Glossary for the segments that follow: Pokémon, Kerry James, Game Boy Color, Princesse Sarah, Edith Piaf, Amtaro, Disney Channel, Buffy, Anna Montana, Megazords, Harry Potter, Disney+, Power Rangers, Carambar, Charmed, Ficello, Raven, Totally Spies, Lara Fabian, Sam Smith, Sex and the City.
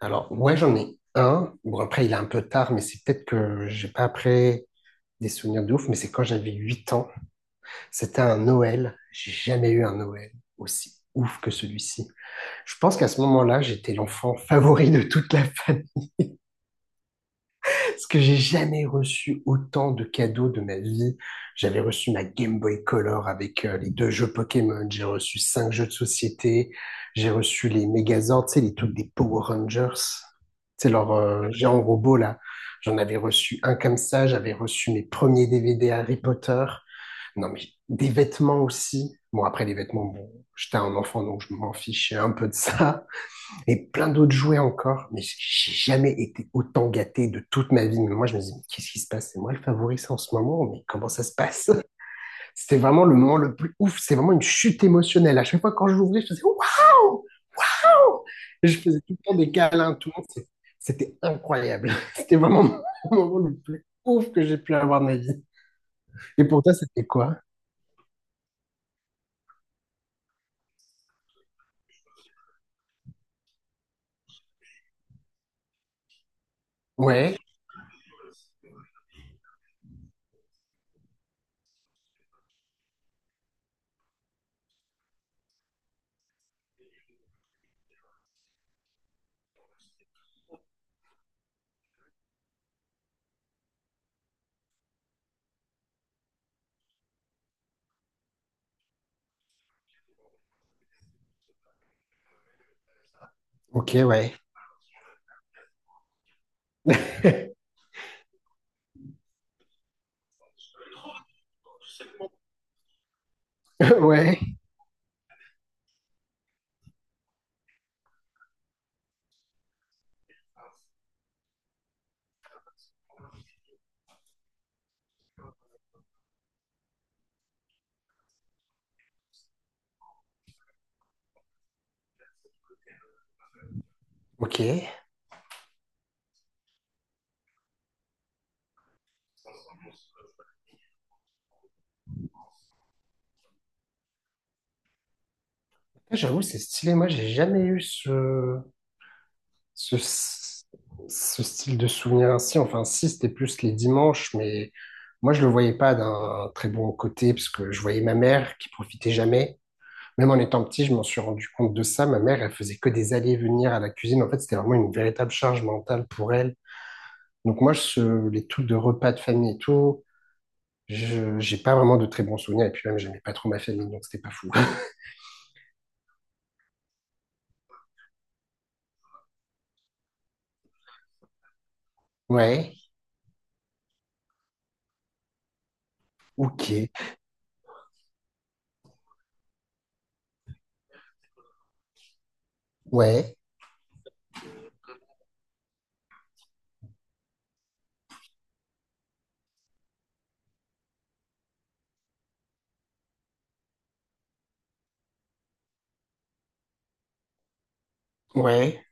Alors, ouais, j'en ai un. Bon, après, il est un peu tard, mais c'est peut-être que j'ai pas après des souvenirs de ouf, mais c'est quand j'avais 8 ans. C'était un Noël. J'ai jamais eu un Noël aussi ouf que celui-ci. Je pense qu'à ce moment-là, j'étais l'enfant favori de toute la famille. Parce que j'ai jamais reçu autant de cadeaux de ma vie. J'avais reçu ma Game Boy Color avec les deux jeux Pokémon. J'ai reçu cinq jeux de société. J'ai reçu les Megazords, tu sais, les trucs des Power Rangers. C'est leur géant robot là. J'en avais reçu un comme ça. J'avais reçu mes premiers DVD Harry Potter. Non mais des vêtements aussi. Bon après les vêtements, bon, j'étais un enfant donc je m'en fichais un peu de ça et plein d'autres jouets encore, mais j'ai jamais été autant gâté de toute ma vie. Mais moi, je me dis, mais qu'est-ce qui se passe? C'est moi le favori en ce moment, mais comment ça se passe? C'était vraiment le moment le plus ouf, c'est vraiment une chute émotionnelle. À chaque fois, quand je l'ouvrais, je faisais waouh! Je faisais tout le temps des câlins, tout le monde. C'était incroyable. C'était vraiment le moment le plus ouf que j'ai pu avoir de ma vie. Et pour toi, c'était quoi? Ouais, ok, ouais. Ouais, ok. J'avoue, c'est stylé. Moi, j'ai jamais eu ce. ce, ce style de souvenir ainsi. Enfin, si, c'était plus les dimanches, mais moi, je le voyais pas d'un très bon côté, parce que je voyais ma mère qui profitait jamais. Même en étant petit, je m'en suis rendu compte de ça. Ma mère, elle faisait que des allers-venir à la cuisine. En fait, c'était vraiment une véritable charge mentale pour elle. Donc moi, les trucs de repas de famille et tout, j'ai pas vraiment de très bons souvenirs. Et puis même, j'aimais pas trop ma famille, donc c'était pas fou. Ouais, ok, ouais, ouais,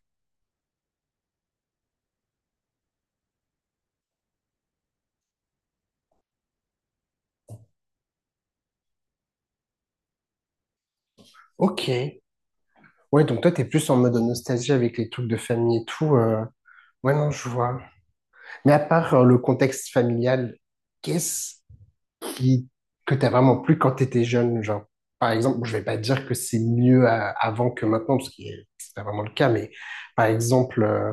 ok. Ouais, donc toi, t'es plus en mode nostalgie avec les trucs de famille et tout. Ouais, non, je vois. Mais à part le contexte familial, qu'est-ce qui... que t'as vraiment plu quand t'étais jeune, genre? Par exemple, je vais pas dire que c'est mieux avant que maintenant, parce que c'est pas vraiment le cas, mais par exemple,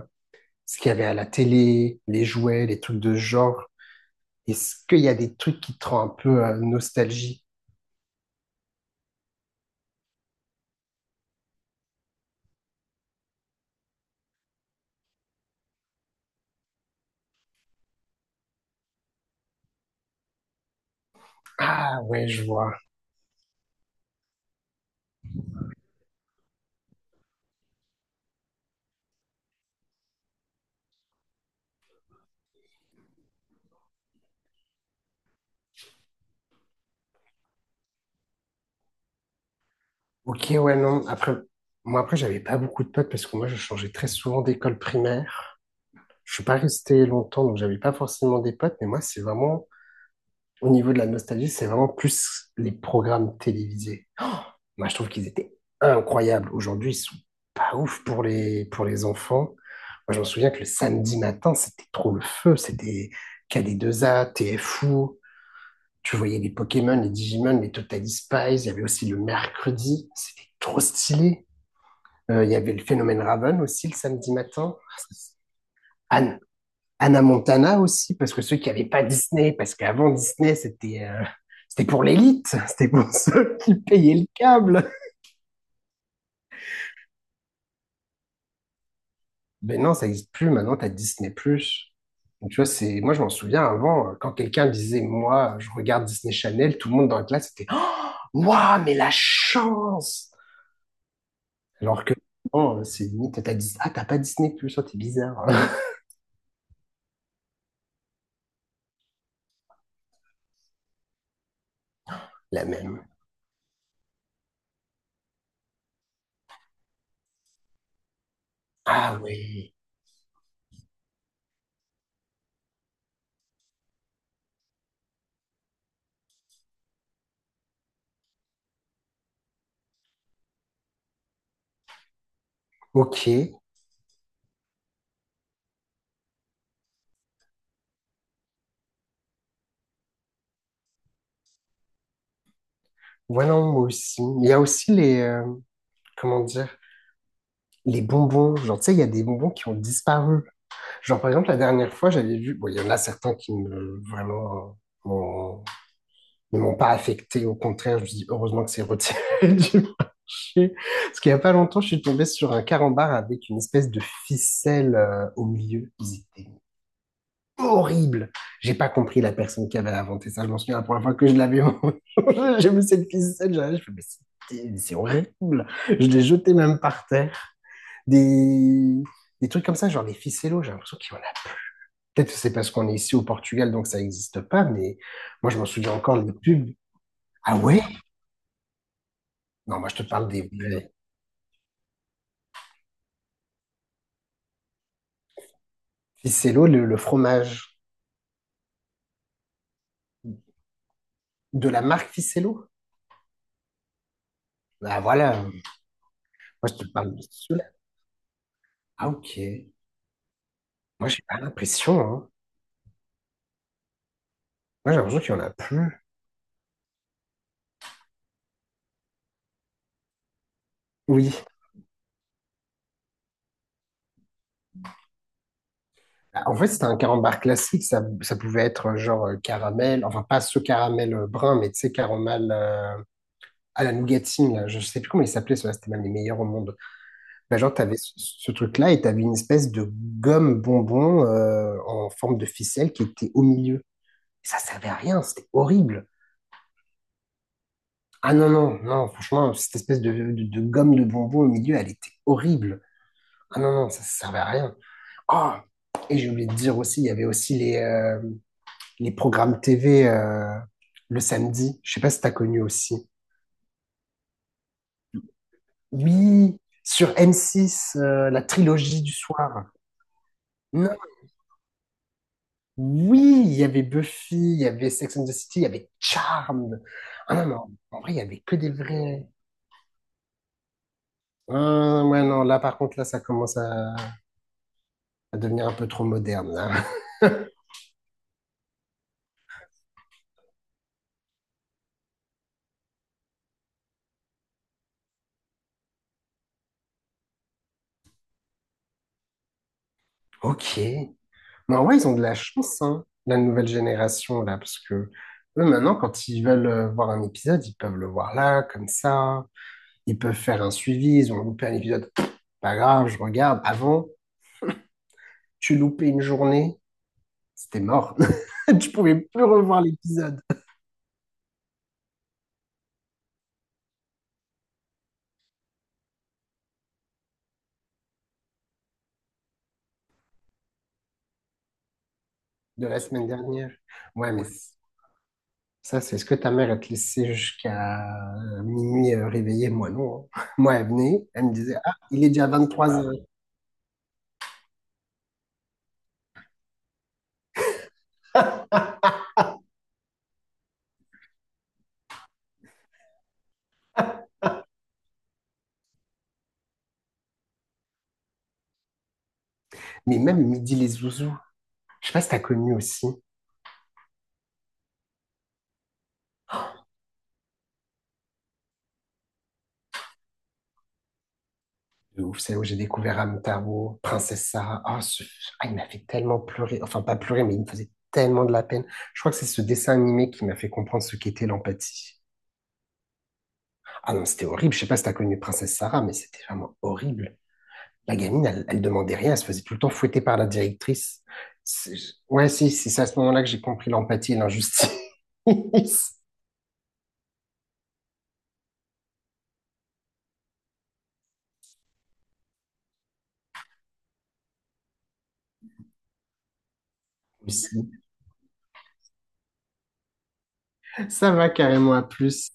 ce qu'il y avait à la télé, les jouets, les trucs de ce genre, est-ce qu'il y a des trucs qui te rendent un peu nostalgie? Ah, ouais, je vois. Ok, ouais, non. Après, moi, après, j'avais pas beaucoup de potes parce que moi, je changeais très souvent d'école primaire. Je suis pas resté longtemps, donc j'avais pas forcément des potes. Mais moi, c'est vraiment, au niveau de la nostalgie, c'est vraiment plus les programmes télévisés. Oh, moi, je trouve qu'ils étaient incroyables. Aujourd'hui, ils sont pas ouf pour les enfants. Moi, je me souviens que le samedi matin, c'était trop le feu. C'était KD2A TFO. Tu voyais les Pokémon, les Digimon, les Totally Spies. Il y avait aussi le mercredi. C'était trop stylé. Il y avait le phénomène Raven aussi le samedi matin. Anne- Anna Montana aussi, parce que ceux qui n'avaient pas Disney, parce qu'avant Disney, c'était pour l'élite, c'était pour ceux qui payaient le câble. Mais non, ça n'existe plus, maintenant tu as Disney+. Plus. Donc, tu vois, c'est... Moi, je m'en souviens avant, quand quelqu'un disait, moi, je regarde Disney Channel, tout le monde dans la classe était, oh, waouh, mais la chance! Alors que, non, c'est limite, t'as Disney ah, t'as pas Disney+, Plus oh, t'es bizarre. La même. Ah oui, ok. Ouais, non, moi aussi. Il y a aussi les, comment dire, les bonbons. Genre, tu sais, il y a des bonbons qui ont disparu. Genre, par exemple, la dernière fois, j'avais vu, bon, il y en a certains qui me, vraiment, m'ont- ne m'ont pas affecté. Au contraire, je me dis, heureusement que c'est retiré du marché. Parce qu'il n'y a pas longtemps, je suis tombé sur un carambar avec une espèce de ficelle, au milieu. Horrible. J'ai pas compris la personne qui avait inventé ça. Je m'en souviens la première fois que je l'avais. J'ai vu cette ficelle. Je fais, mais c'est horrible. Je l'ai jeté même par terre. Des, des trucs comme ça, genre les ficellos, j'ai l'impression qu'il y en a. Peut-être que c'est parce qu'on est ici au Portugal, donc ça n'existe pas, mais moi, je m'en souviens encore les pubs. Ah ouais? Non, moi, je te parle des vrais. Ficello, le fromage de la marque Ficello. Ah voilà. Moi, je te parle de ceux-là. Ah ok. Moi, j'ai pas l'impression, hein. Moi, j'ai l'impression qu'il y en a plus. Oui, bah, en fait, c'était un carambar classique. Ça pouvait être genre caramel, enfin pas ce caramel brun, mais tu sais, caramel à la nougatine. Là. Je sais plus comment il s'appelait, cela c'était même les meilleurs au monde. Bah, genre, t'avais ce truc-là et t'avais une espèce de gomme bonbon en forme de ficelle qui était au milieu. Ça servait à rien, c'était horrible. Ah non, non, non, franchement, cette espèce de gomme de bonbon au milieu, elle était horrible. Ah non, non, ça servait à rien. Ah, et j'ai oublié de dire aussi, il y avait aussi les programmes TV le samedi. Je sais pas si t'as connu aussi. Oui, sur M6, la trilogie du soir. Non. Oui, il y avait Buffy, il y avait Sex and the City, il y avait Charmed. Ah non, non, en vrai, il y avait que des vrais. Ah, ouais, non, là, par contre, là, ça commence à devenir un peu trop moderne, là. Ok. Mais en vrai, ils ont de la chance, hein, la nouvelle génération, là, parce que eux, maintenant, quand ils veulent voir un épisode, ils peuvent le voir là, comme ça. Ils peuvent faire un suivi, ils ont loupé un épisode, pas grave, je regarde. Avant, tu loupais une journée, c'était mort. Tu pouvais plus revoir l'épisode de la semaine dernière. Ouais, mais ça, c'est ce que ta mère, elle te laissait jusqu'à minuit réveillée. Moi, non. Hein. Moi, elle venait, elle me disait, ah, il est déjà 23 heures. Mais même midi les zouzous. Je sais pas si t'as connu aussi. De ouf. C'est là où j'ai découvert Amtaro, Princesse Sarah. Il m'a fait tellement pleurer. Enfin, pas pleurer, mais il me faisait tellement de la peine. Je crois que c'est ce dessin animé qui m'a fait comprendre ce qu'était l'empathie. Ah non, c'était horrible. Je sais pas si t'as connu Princesse Sarah, mais c'était vraiment horrible. La gamine, elle, elle demandait rien. Elle se faisait tout le temps fouetter par la directrice. C'est- Ouais, si, si, c'est à ce moment-là que j'ai compris l'empathie et l'injustice. Aussi. Ça va carrément à plus.